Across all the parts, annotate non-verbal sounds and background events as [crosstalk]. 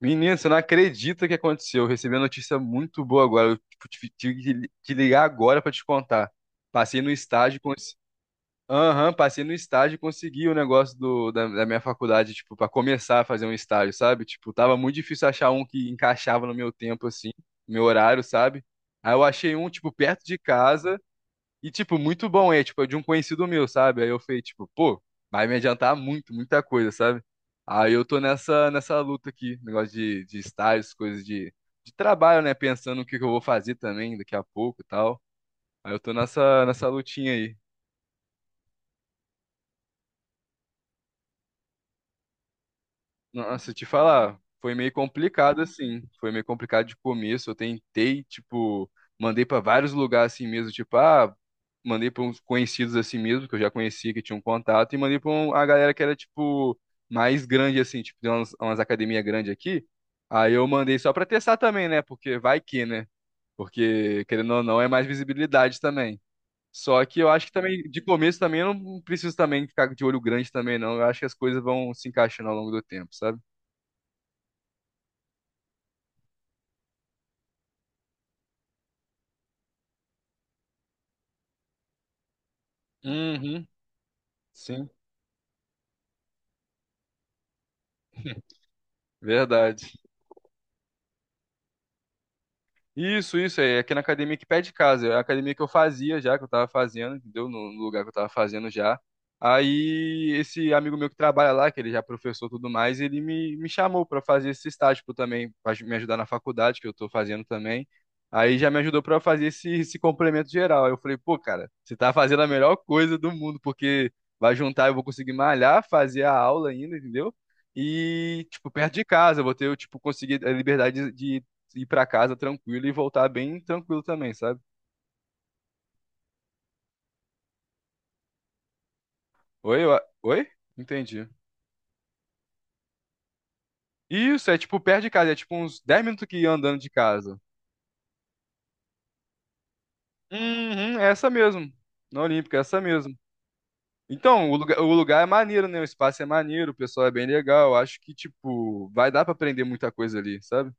Menino, você não acredita o que aconteceu. Eu recebi uma notícia muito boa agora. Eu tipo, tive que te ligar agora pra te contar. Passei no estágio, aham, passei no estágio e consegui o negócio da minha faculdade, tipo, para começar a fazer um estágio, sabe? Tipo, tava muito difícil achar um que encaixava no meu tempo, assim, no meu horário, sabe? Aí eu achei um, tipo, perto de casa. E, tipo, muito bom, é, tipo, é de um conhecido meu, sabe? Aí eu falei, tipo, pô, vai me adiantar muito, muita coisa, sabe? Aí eu tô nessa luta aqui, negócio de estágios, coisas de trabalho, né? Pensando o que que eu vou fazer também daqui a pouco e tal. Aí eu tô nessa lutinha aí. Nossa, te falar, foi meio complicado assim. Foi meio complicado de começo. Eu tentei, tipo, mandei pra vários lugares assim mesmo, tipo, ah, mandei pra uns conhecidos assim mesmo, que eu já conhecia, que tinha um contato, e mandei a galera que era tipo mais grande assim, tipo, tem umas academias grandes aqui. Aí eu mandei só pra testar também, né? Porque vai que, né? Porque querendo ou não é mais visibilidade também. Só que eu acho que também de começo também eu não preciso também ficar de olho grande também não. Eu acho que as coisas vão se encaixando ao longo do tempo, sabe? Uhum, sim, [laughs] verdade. Isso, é aqui na academia que pé de casa, é a academia que eu fazia já, que eu tava fazendo, entendeu? No lugar que eu tava fazendo já. Aí esse amigo meu que trabalha lá, que ele já é professor e tudo mais, ele me chamou pra fazer esse estágio tipo, também, pra me ajudar na faculdade, que eu tô fazendo também. Aí já me ajudou pra eu fazer esse complemento geral. Aí eu falei, pô, cara, você tá fazendo a melhor coisa do mundo, porque vai juntar, eu vou conseguir malhar, fazer a aula ainda, entendeu? E, tipo, perto de casa, eu vou ter, eu, tipo, conseguir a liberdade de ir pra casa tranquilo e voltar bem tranquilo também, sabe? Oi? Oi? Entendi. Isso, é tipo perto de casa, é tipo uns 10 minutos que ia andando de casa. Uhum, é essa mesmo. Na Olímpica, é essa mesmo. Então, o lugar é maneiro, né? O espaço é maneiro, o pessoal é bem legal. Acho que, tipo, vai dar pra aprender muita coisa ali, sabe?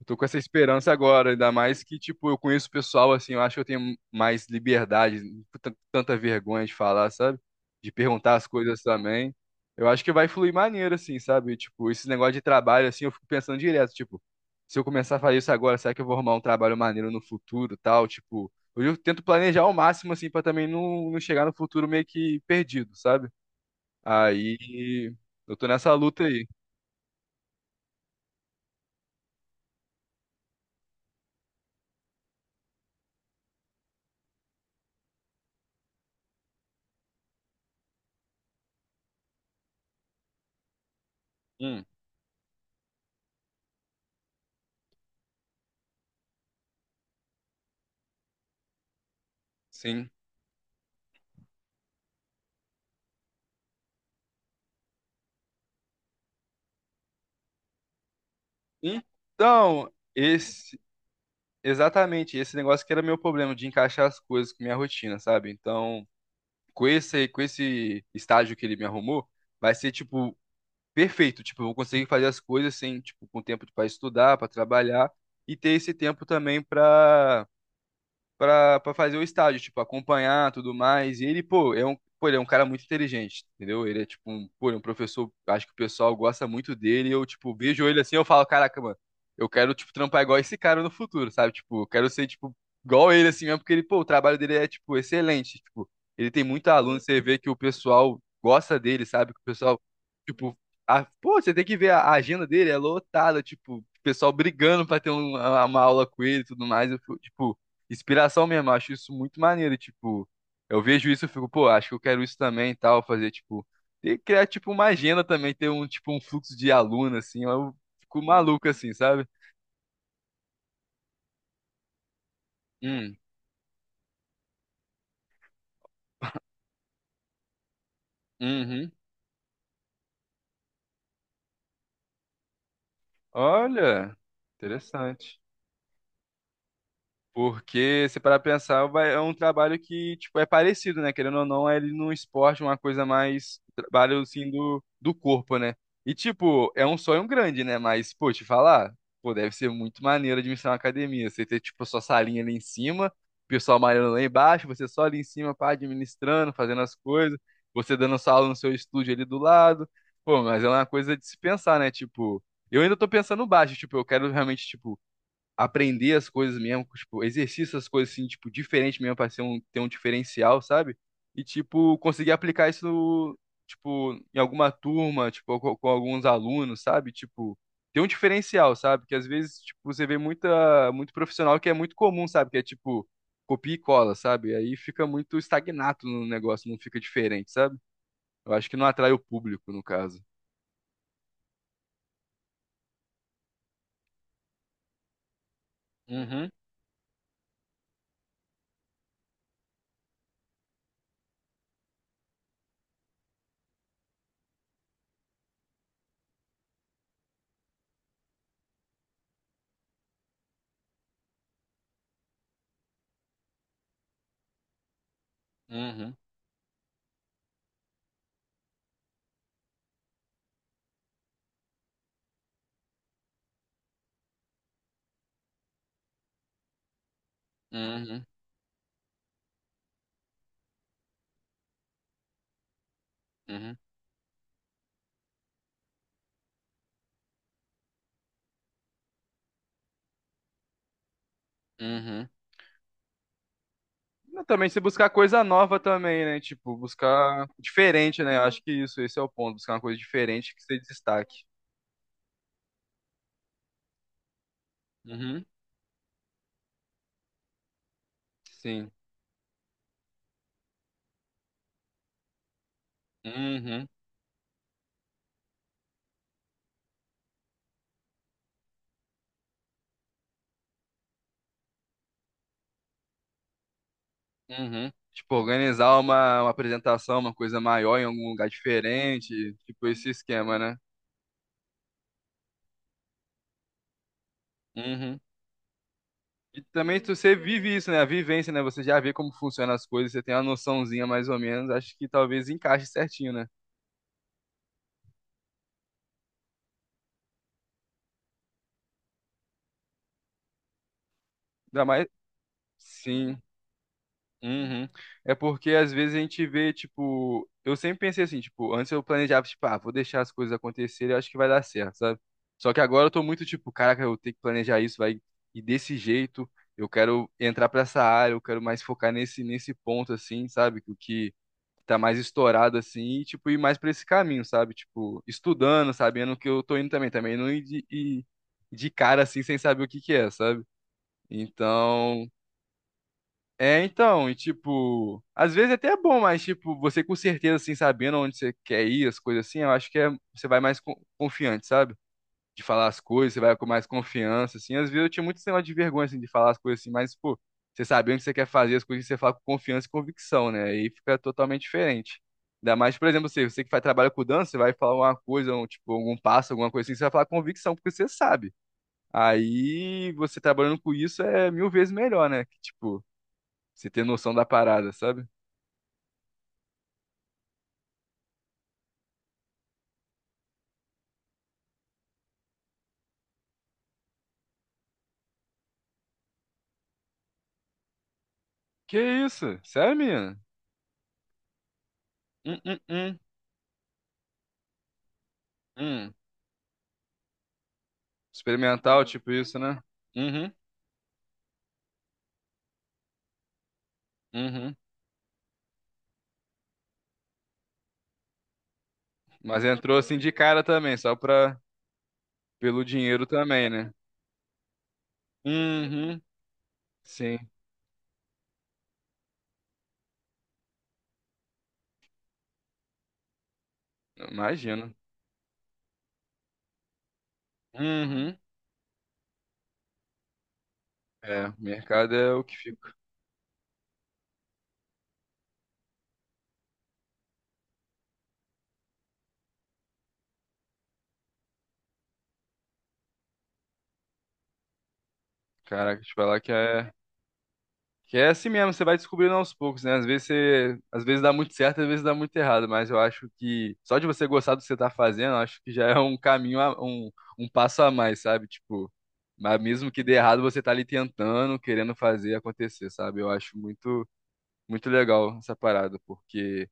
Eu tô com essa esperança agora, ainda mais que, tipo, eu conheço o pessoal, assim, eu acho que eu tenho mais liberdade, não tenho tanta vergonha de falar, sabe? De perguntar as coisas também. Eu acho que vai fluir maneiro, assim, sabe? Tipo, esse negócio de trabalho, assim, eu fico pensando direto, tipo, se eu começar a fazer isso agora, será que eu vou arrumar um trabalho maneiro no futuro, e tal? Tipo, eu tento planejar ao máximo, assim, pra também não, não chegar no futuro meio que perdido, sabe? Aí, eu tô nessa luta aí. Hum, sim. Então, esse. Exatamente, esse negócio que era meu problema de encaixar as coisas com minha rotina, sabe? Então, com esse estágio que ele me arrumou, vai ser tipo perfeito, tipo, eu vou conseguir fazer as coisas sem, tipo, com tempo para estudar, para trabalhar e ter esse tempo também para pra fazer o estágio, tipo, acompanhar tudo mais. E ele, pô, é um, pô, ele é um cara muito inteligente, entendeu? Ele é tipo um, pô, ele é um professor, acho que o pessoal gosta muito dele. Eu, tipo, vejo ele assim, eu falo, caraca, mano, eu quero, tipo, trampar igual esse cara no futuro, sabe? Tipo, eu quero ser, tipo, igual ele assim mesmo, porque ele, pô, o trabalho dele é, tipo, excelente. Tipo, ele tem muito aluno, você vê que o pessoal gosta dele, sabe? Que o pessoal, tipo, a, pô, você tem que ver a agenda dele, é lotada, tipo, o pessoal brigando pra ter uma aula com ele e tudo mais. Eu, fico, tipo, inspiração mesmo. Eu acho isso muito maneiro. Tipo, eu vejo isso e fico, pô, acho que eu quero isso também e tal. Fazer, tipo, e criar, tipo, uma agenda também, ter um, tipo, um fluxo de aluno, assim. Eu fico maluco, assim, sabe? Hum, uhum. Olha, interessante. Porque, se parar pra pensar, é um trabalho que, tipo, é parecido, né? Querendo ou não, é ele no esporte uma coisa mais trabalho, assim, do, do corpo, né? E, tipo, é um sonho grande, né? Mas, pô, te falar, pô, deve ser muito maneiro administrar uma academia. Você ter, tipo, a sua salinha ali em cima, o pessoal malhando lá embaixo, você só ali em cima, pá, administrando, fazendo as coisas, você dando sua aula no seu estúdio ali do lado. Pô, mas é uma coisa de se pensar, né? Tipo, eu ainda tô pensando baixo, tipo, eu quero realmente, tipo, aprender as coisas mesmo, tipo, exercício as coisas assim, tipo, diferente mesmo pra ser um, ter um diferencial, sabe? E, tipo, conseguir aplicar isso, no, tipo, em alguma turma, tipo, com alguns alunos, sabe? Tipo, ter um diferencial, sabe? Que às vezes, tipo, você vê muita, muito profissional que é muito comum, sabe? Que é, tipo, copia e cola, sabe? Aí fica muito estagnado no negócio, não fica diferente, sabe? Eu acho que não atrai o público, no caso. Uhum, uhum, uhum, uhum, uhum. Não, também se buscar coisa nova também, né? Tipo, buscar diferente, né? Eu acho que isso, esse é o ponto. Buscar uma coisa diferente que se destaque. Uhum. Sim. Uhum. Uhum. Tipo, organizar uma apresentação, uma coisa maior em algum lugar diferente. Tipo, esse esquema, né? Uhum. E também você vive isso, né? A vivência, né? Você já vê como funcionam as coisas, você tem uma noçãozinha mais ou menos. Acho que talvez encaixe certinho, né? Ainda mais. Sim. Uhum. É porque às vezes a gente vê, tipo, eu sempre pensei assim, tipo, antes eu planejava, tipo, ah, vou deixar as coisas acontecerem, eu acho que vai dar certo, sabe? Só que agora eu tô muito tipo, caraca, eu tenho que planejar isso, vai, e desse jeito, eu quero entrar pra essa área, eu quero mais focar nesse ponto assim, sabe? Que o que tá mais estourado assim, e tipo, ir mais pra esse caminho, sabe? Tipo, estudando, sabendo o que eu tô indo também, também não ir de, ir de cara assim sem saber o que que é, sabe? Então, é, então, e tipo, às vezes até é bom, mas tipo, você com certeza, assim, sabendo onde você quer ir, as coisas assim, eu acho que é, você vai mais confiante, sabe? De falar as coisas, você vai com mais confiança, assim. Às vezes eu tinha muito esse negócio de vergonha, assim, de falar as coisas assim, mas, pô, você sabe onde você quer fazer as coisas, você fala com confiança e convicção, né? Aí fica totalmente diferente. Ainda mais, por exemplo, você, você que faz trabalho com dança, você vai falar uma coisa, um, tipo, algum passo, alguma coisa assim, você vai falar com convicção, porque você sabe. Aí você trabalhando com isso é mil vezes melhor, né? Que, tipo. Você ter noção da parada, sabe? Que isso? Sério, menina? Hum, hum, hum, hum. Experimental, tipo isso, né? Uhum, uhum. Mas entrou assim de cara também, só pra... pelo dinheiro também, né? Uhum, sim. Imagino. Uhum. É, mercado é o que fica. Caraca, te falar que é. Que é assim mesmo, você vai descobrindo aos poucos, né? Às vezes você, às vezes dá muito certo, às vezes dá muito errado, mas eu acho que só de você gostar do que você tá fazendo, eu acho que já é um caminho, um, um passo a mais, sabe? Tipo, mas mesmo que dê errado, você tá ali tentando, querendo fazer acontecer, sabe? Eu acho muito, muito legal essa parada, porque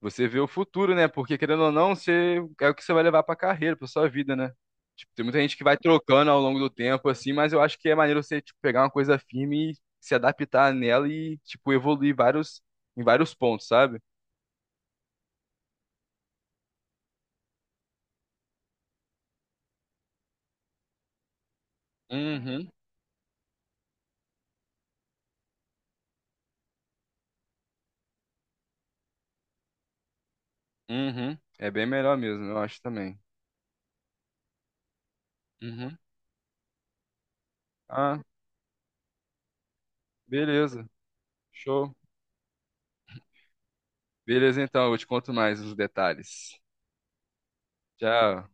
você vê o futuro, né? Porque querendo ou não, você é o que você vai levar pra carreira, pra sua vida, né? Tipo, tem muita gente que vai trocando ao longo do tempo, assim, mas eu acho que é maneiro você, tipo, pegar uma coisa firme e se adaptar nela e, tipo, evoluir vários, em vários pontos, sabe? Uhum, uhum. É bem melhor mesmo, eu acho também. Uhum. Ah, beleza. Show. Beleza, então, eu te conto mais os detalhes. Tchau.